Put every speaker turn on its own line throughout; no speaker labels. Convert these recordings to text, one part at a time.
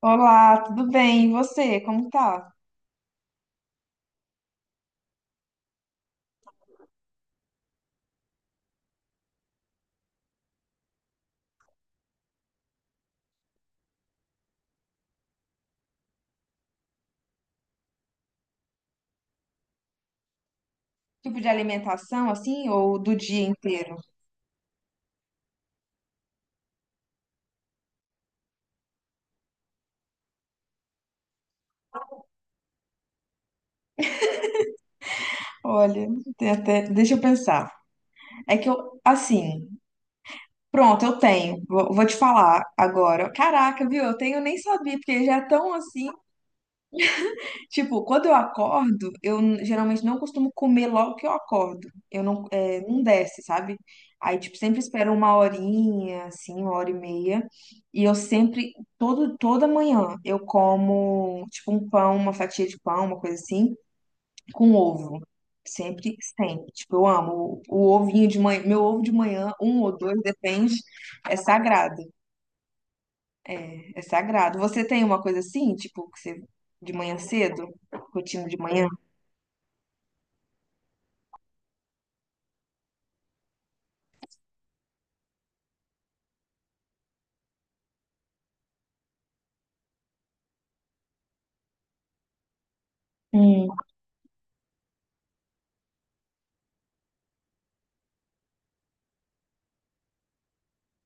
Olá, tudo bem? E você, como tá? Tipo de alimentação, assim, ou do dia inteiro? Olha, tem até, deixa eu pensar. É que eu, assim, pronto, eu tenho. Vou te falar agora. Caraca, viu? Eu tenho, eu nem sabia, porque já é tão assim, tipo, quando eu acordo, geralmente não costumo comer logo que eu acordo. Eu não, não desce, sabe? Aí, tipo, sempre espero uma horinha, assim, uma hora e meia. E eu sempre, toda manhã, eu como, tipo, um pão, uma fatia de pão, uma coisa assim, com ovo. Sempre, sempre. Tipo, eu amo. O ovinho de manhã, meu ovo de manhã, um ou dois, depende, é sagrado. É sagrado. Você tem uma coisa assim, tipo, que você, de manhã cedo? Rotina de manhã?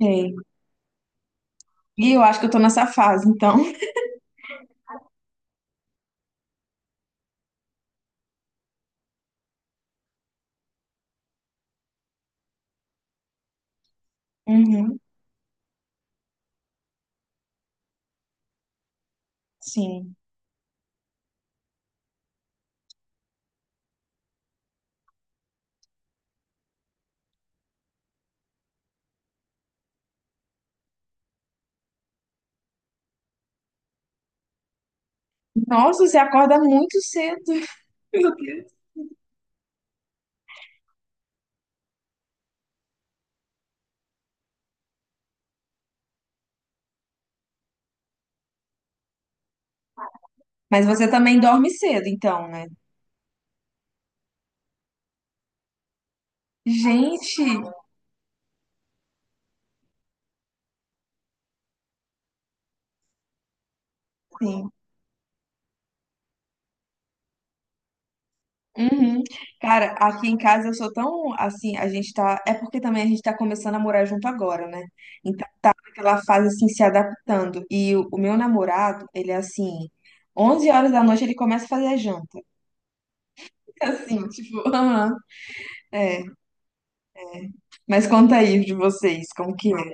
Sei. E eu acho que eu tô nessa fase, então. Uhum, sim. Nossa, você acorda muito cedo. Meu Deus. Mas você também dorme cedo, então, né? Gente, sim. Uhum. Cara, aqui em casa eu sou tão assim, a gente tá. É porque também a gente tá começando a morar junto agora, né? Então tá naquela fase assim, se adaptando. E o meu namorado, ele é assim, 11 horas da noite ele começa a fazer a janta. Assim, tipo, aham. É. Mas conta aí de vocês, como que é?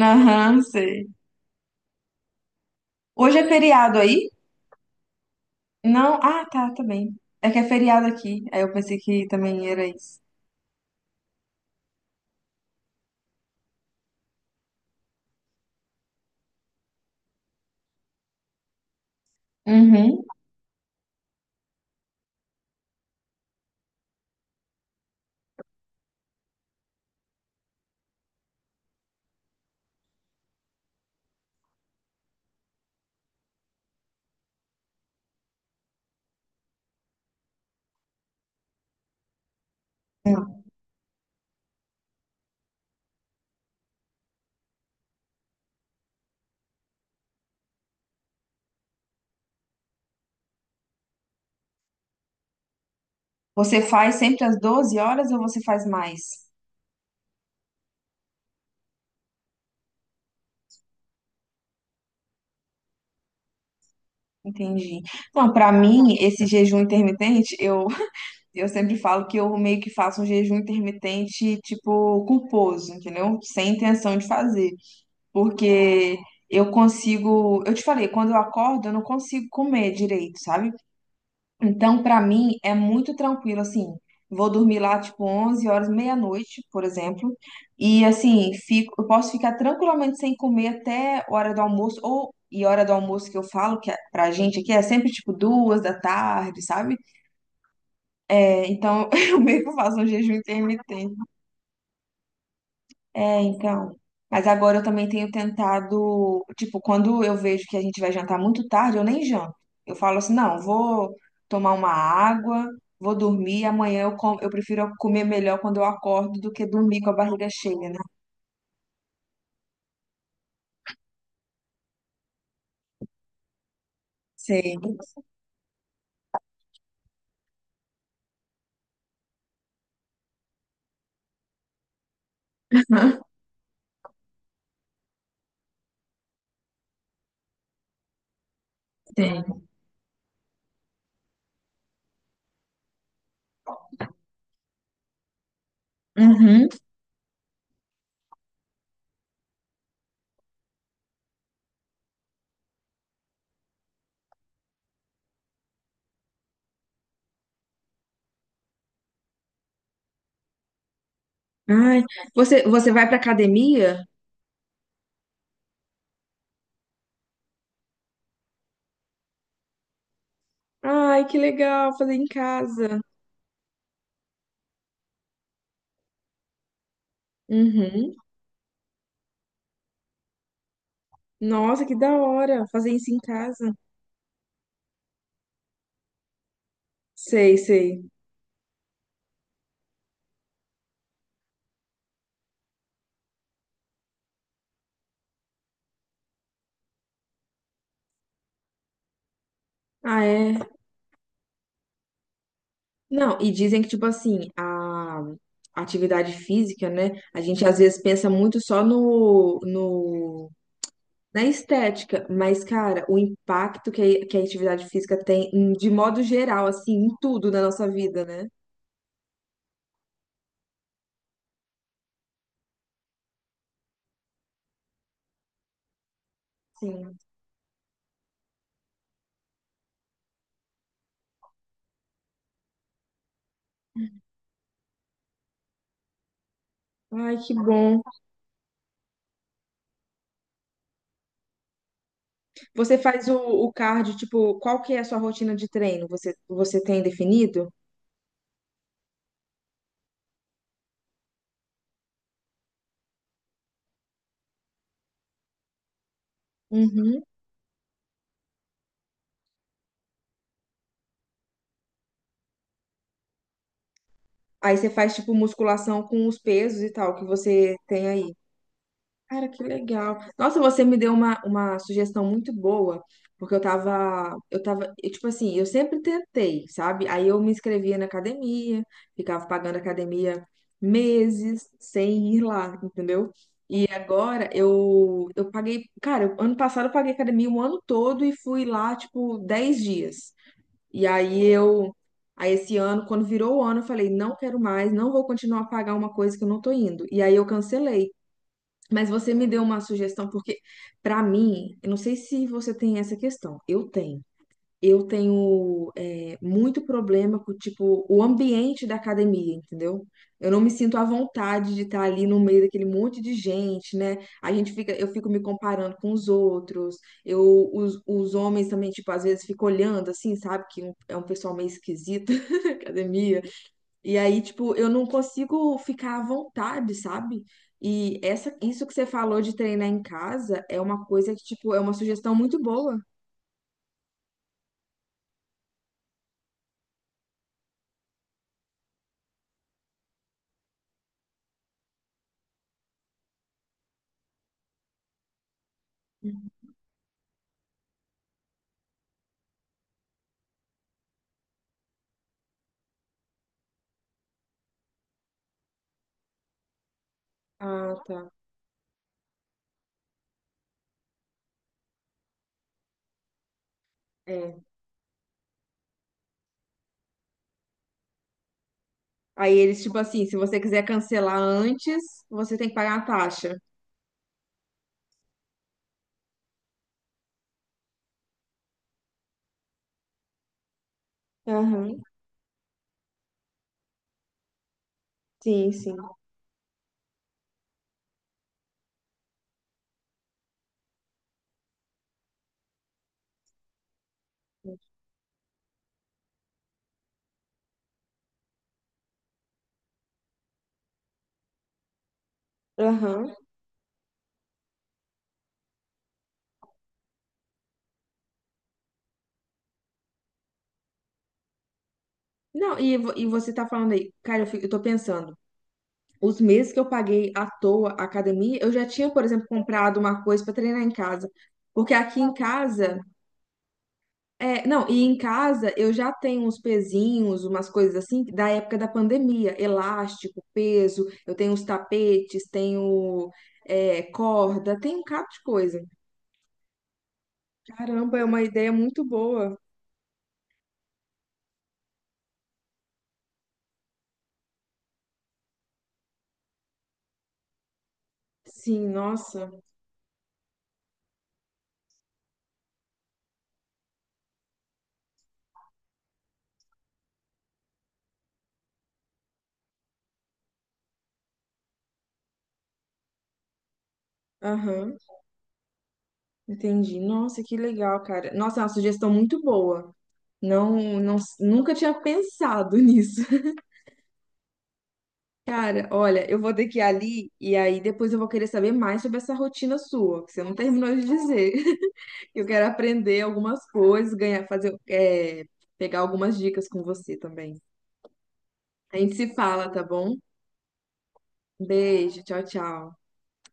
Aham, sei. Hoje é feriado aí? Não? Ah, tá, também. É que é feriado aqui. Aí eu pensei que também era isso. Uhum. Não. Você faz sempre às 12 horas ou você faz mais? Entendi. Não, pra mim, esse jejum intermitente, eu, eu sempre falo que eu meio que faço um jejum intermitente, tipo, culposo, entendeu? Sem intenção de fazer. Porque eu consigo. Eu te falei, quando eu acordo, eu não consigo comer direito, sabe? Então, para mim, é muito tranquilo, assim. Vou dormir lá, tipo, 11 horas, meia-noite, por exemplo. E, assim, fico, eu posso ficar tranquilamente sem comer até hora do almoço. Ou, e hora do almoço que eu falo, que é, pra gente aqui é sempre, tipo, duas da tarde, sabe? É, então, eu meio que faço um jejum intermitente. É, então. Mas agora eu também tenho tentado, tipo, quando eu vejo que a gente vai jantar muito tarde, eu nem janto. Eu falo assim, não, vou tomar uma água, vou dormir, amanhã eu como, eu prefiro comer melhor quando eu acordo do que dormir com a barriga cheia, né? Sei. Aham, sei. Uhum. Ai, você vai pra academia? Ai, que legal fazer em casa. Uhum. Nossa, que da hora fazer isso em casa. Sei, sei. Ah, é. Não, e dizem que, tipo assim, a atividade física, né? A gente às vezes pensa muito só no, na estética, mas, cara, o impacto que a atividade física tem, de modo geral, assim, em tudo na nossa vida, né? Sim. Ai, que bom. Você faz o cardio, tipo, qual que é a sua rotina de treino? Você tem definido? Uhum. Aí você faz, tipo, musculação com os pesos e tal, que você tem aí. Cara, que legal. Nossa, você me deu uma sugestão muito boa, porque eu tava, eu, tipo assim, eu sempre tentei, sabe? Aí eu me inscrevia na academia, ficava pagando academia meses sem ir lá, entendeu? E agora eu paguei, cara, ano passado eu paguei academia o ano todo e fui lá, tipo, 10 dias. E aí eu, aí esse ano, quando virou o ano, eu falei, não quero mais, não vou continuar a pagar uma coisa que eu não tô indo. E aí eu cancelei. Mas você me deu uma sugestão, porque pra mim, eu não sei se você tem essa questão, eu tenho. Eu tenho muito problema com, tipo, o ambiente da academia, entendeu? Eu não me sinto à vontade de estar ali no meio daquele monte de gente, né? A gente fica, eu fico me comparando com os outros. Eu, os homens também, tipo, às vezes fico olhando assim, sabe? Que é um pessoal meio esquisito na academia. E aí, tipo, eu não consigo ficar à vontade, sabe? E isso que você falou de treinar em casa é uma coisa que, tipo, é uma sugestão muito boa. Ah, tá. É. Aí eles, tipo assim, se você quiser cancelar antes, você tem que pagar a taxa. Aham, sim, sim. Aham. Não, e você tá falando aí, cara, eu, fico, eu tô pensando, os meses que eu paguei à toa a academia, eu já tinha, por exemplo, comprado uma coisa pra treinar em casa. Porque aqui em casa. É, não, e em casa eu já tenho uns pezinhos, umas coisas assim, da época da pandemia, elástico, peso, eu tenho uns tapetes, tenho corda, tenho um cabo de coisa. Caramba, é uma ideia muito boa. Sim, nossa, aham, entendi. Nossa, que legal, cara. Nossa, é uma sugestão muito boa. Não, não, nunca tinha pensado nisso. Cara, olha, eu vou ter que ir ali e aí depois eu vou querer saber mais sobre essa rotina sua, que você não terminou de dizer. Eu quero aprender algumas coisas, ganhar, fazer, pegar algumas dicas com você também. A gente se fala, tá bom? Beijo, tchau, tchau.